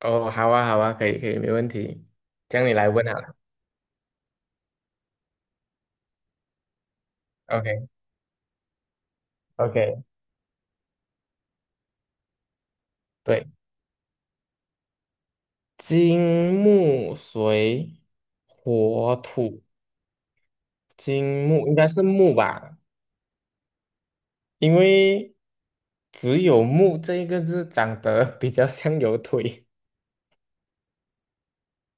哦，好啊，好啊，可以，可以，没问题。这样你来问好了。OK，OK，对，金木水火土，金木应该是木吧，因为只有木这一个字长得 比较像有腿，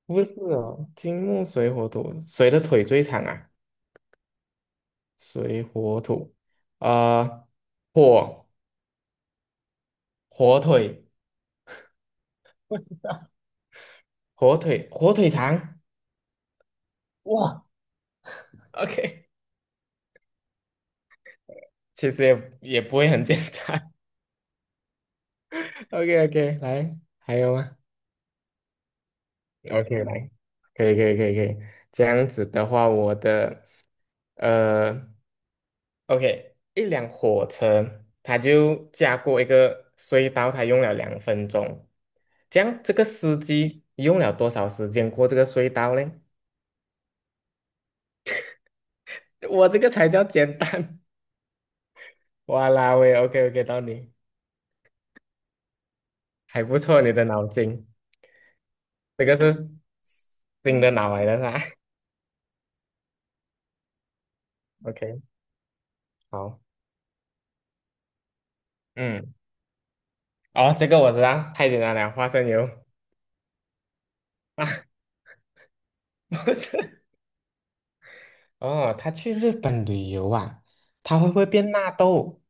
不是哦，金木水火土，谁的腿最长啊？水火土，呃，火火腿，火腿，火腿肠。哇，OK，其实也不会很简单。OK OK，来，还有吗？OK，来，可以可以可以可以。这样子的话，我的呃，OK，一辆火车，它就驾过一个隧道，它用了2分钟。这样这个司机用了多少时间过这个隧道呢？我这个才叫简单。哇啦喂，OK OK，到你，还不错，你的脑筋，这个是新的脑来的是吧 ？OK，好，嗯。哦，这个我知道，太简单了，花生油。哦，他去日本旅游啊，他会不会变纳豆？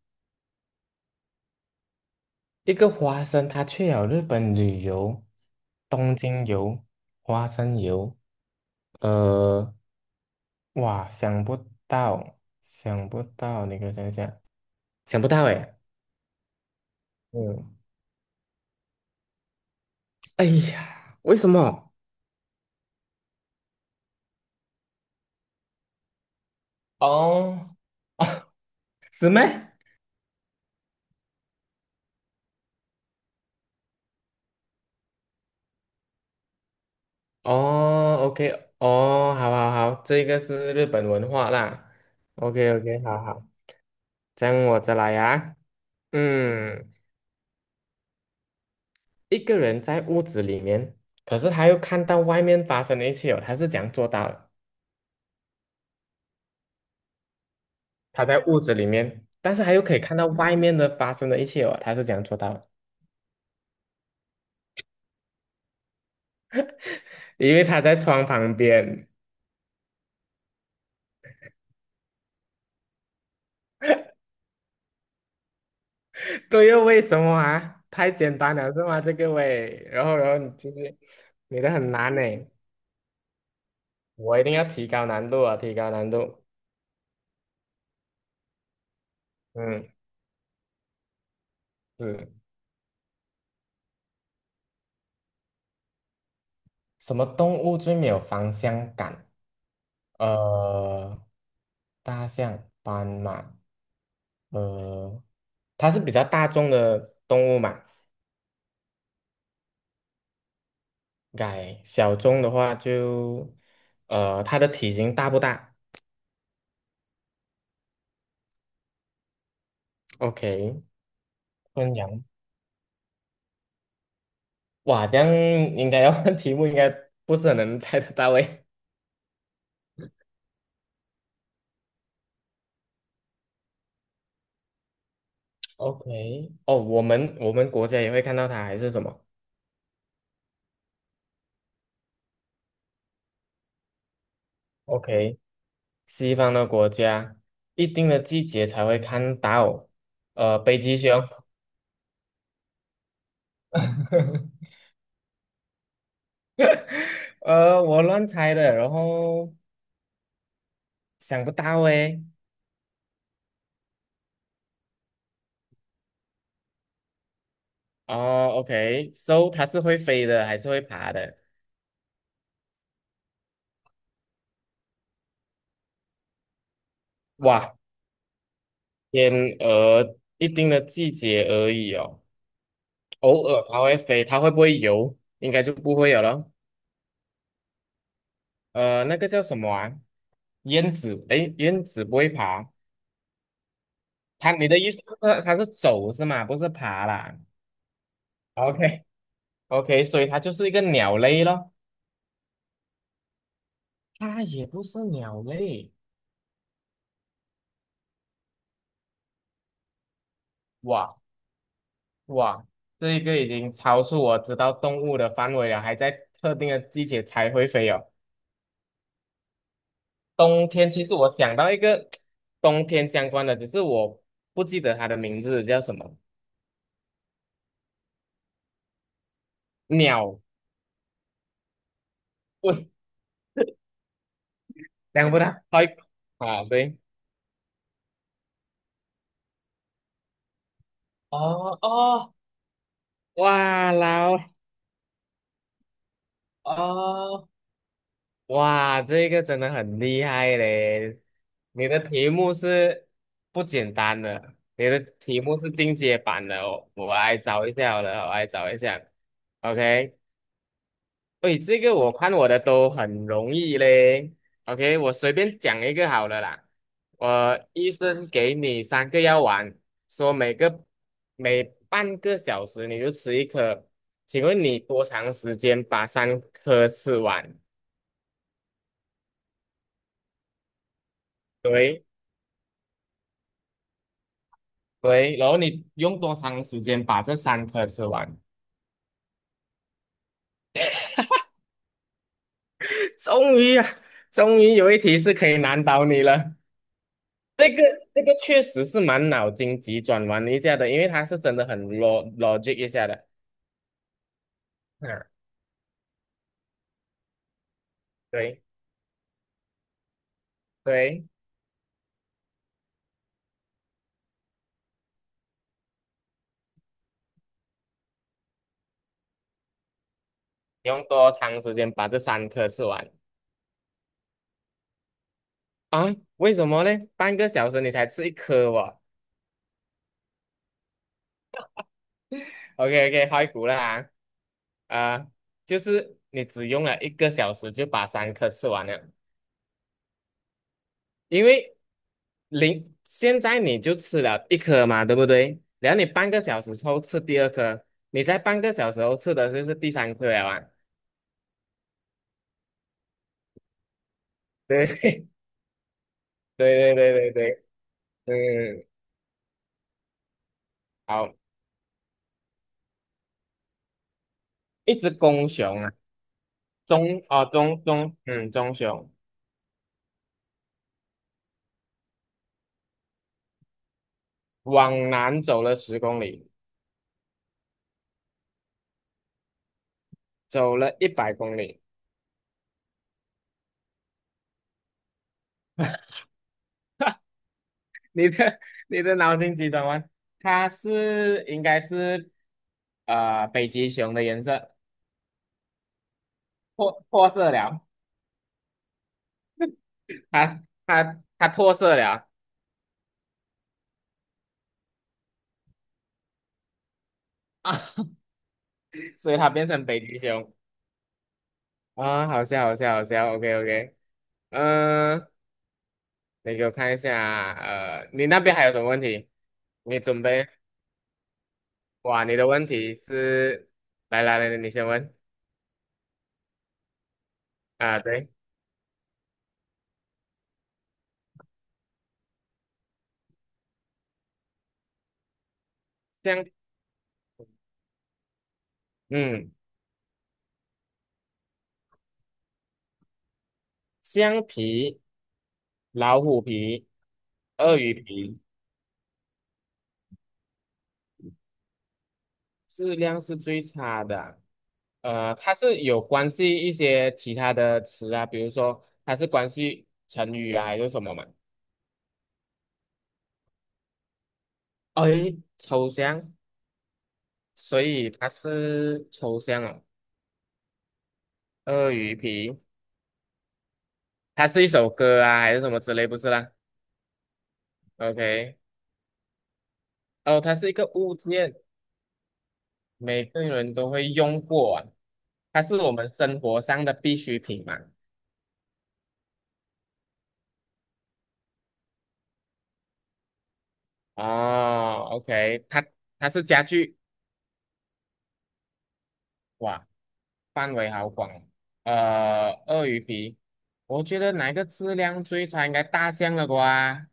一个花生，他去了日本旅游，东京游，花生油，呃，哇，想不到，想不到，你给我想想，想不到诶，嗯，哎呀，为什么？哦，是咩？哦，OK，哦，好好好，这个是日本文化啦。o k o k 好好，这样我再来啊。嗯，一个人在屋子里面，可是他又看到外面发生的一切哦，他是怎样做到的？他在屋子里面，但是他又可以看到外面的发生的一切哦，他是怎样做到的？因为他在窗旁边。对又为什么啊？太简单了是吗？这个喂，然后你其实你的很难呢，我一定要提高难度啊，提高难度。嗯，是什么动物最没有方向感？呃，大象、斑马，呃，它是比较大众的动物嘛，改小众的话就，它的体型大不大？OK，昆羊，哇，这样应该要看 题目，应该不是很能猜得到诶。OK，哦，我们国家也会看到它，还是什么？OK，西方的国家一定的季节才会看到，北极熊，我乱猜的，然后想不到诶。哦，OK，so 它是会飞的还是会爬的？哇，天鹅一定的季节而已哦，偶尔它会飞，它会不会游？应该就不会有了。那个叫什么啊？燕子，诶，燕子不会爬。你的意思是它是走是吗？不是爬啦。OK OK，所以它就是一个鸟类咯，它也不是鸟类，哇哇，这一个已经超出我知道动物的范围了，还在特定的季节才会飞哦。冬天其实我想到一个 冬天相关的，只是我不记得它的名字叫什么鸟，喂，想不到，好啊，对，哦哦，哇，老哦。哇，这个真的很厉害嘞！你的题目是不简单的，你的题目是进阶版的哦。我来找一下好了，我来找一下。OK，喂，这个我看我的都很容易嘞。OK，我随便讲一个好了啦。我医生给你3个药丸，说每半个小时你就吃一颗，请问你多长时间把三颗吃完？对。对，然后你用多长时间把这三颗吃完？终于啊，终于有一题是可以难倒你了。这个这个确实是蛮脑筋急转弯一下的，因为它是真的很 logic 一下的。嗯，对对，用多长时间把这三颗吃完啊？为什么呢？半个小时你才吃一颗哦。OK OK，开估了啊。啊，就是你只用了1个小时就把三颗吃完了，因为零，现在你就吃了一颗嘛，对不对？然后你半个小时后吃第二颗，你在半个小时后吃的就是第三颗了啊。对 对对对对对，嗯，好，一只公熊啊，中哦中中，嗯，中熊往南走了10公里，走了100公里。你的你的脑筋急转弯，它是应该是北极熊的颜色脱色了，它脱色了。啊，所以它变成北极熊啊，好笑，好笑，好笑，OK OK，嗯，你给我看一下啊，你那边还有什么问题？你准备，哇，你的问题是，来来来，你先问啊，对，橡，嗯，橡皮、老虎皮、鳄鱼皮，质量是最差的啊，它是有关系一些其他的词啊，比如说它是关系成语啊，还是什么嘛？哎，抽象。所以它是抽象哦，鳄鱼皮，它是一首歌啊，还是什么之类？不是啦，OK，哦，它是一个物件，每个人都会用过啊它是我们生活上的必需品嘛。哦，OK，它是家具，哇，范围好广哦。鳄鱼皮，我觉得哪一个质量最差？应该大象了瓜。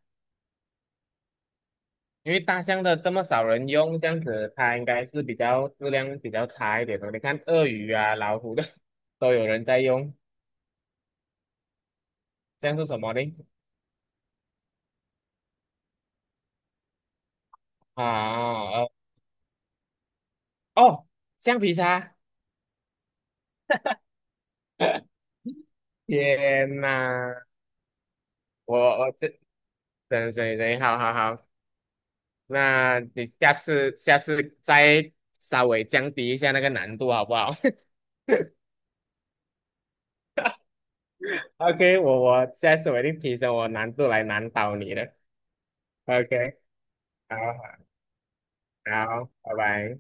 因为大象的这么少人用，这样子它应该是比较质量比较差一点的。你看鳄鱼啊、老虎的 都有人在用，这样是什么呢？啊，哦，橡皮擦。天呐，我这等等等，好好好，那你下次再稍微降低一下那个难度好不好 ？OK，我下次我一定提升我难度来难倒你的。OK，好好，好拜拜。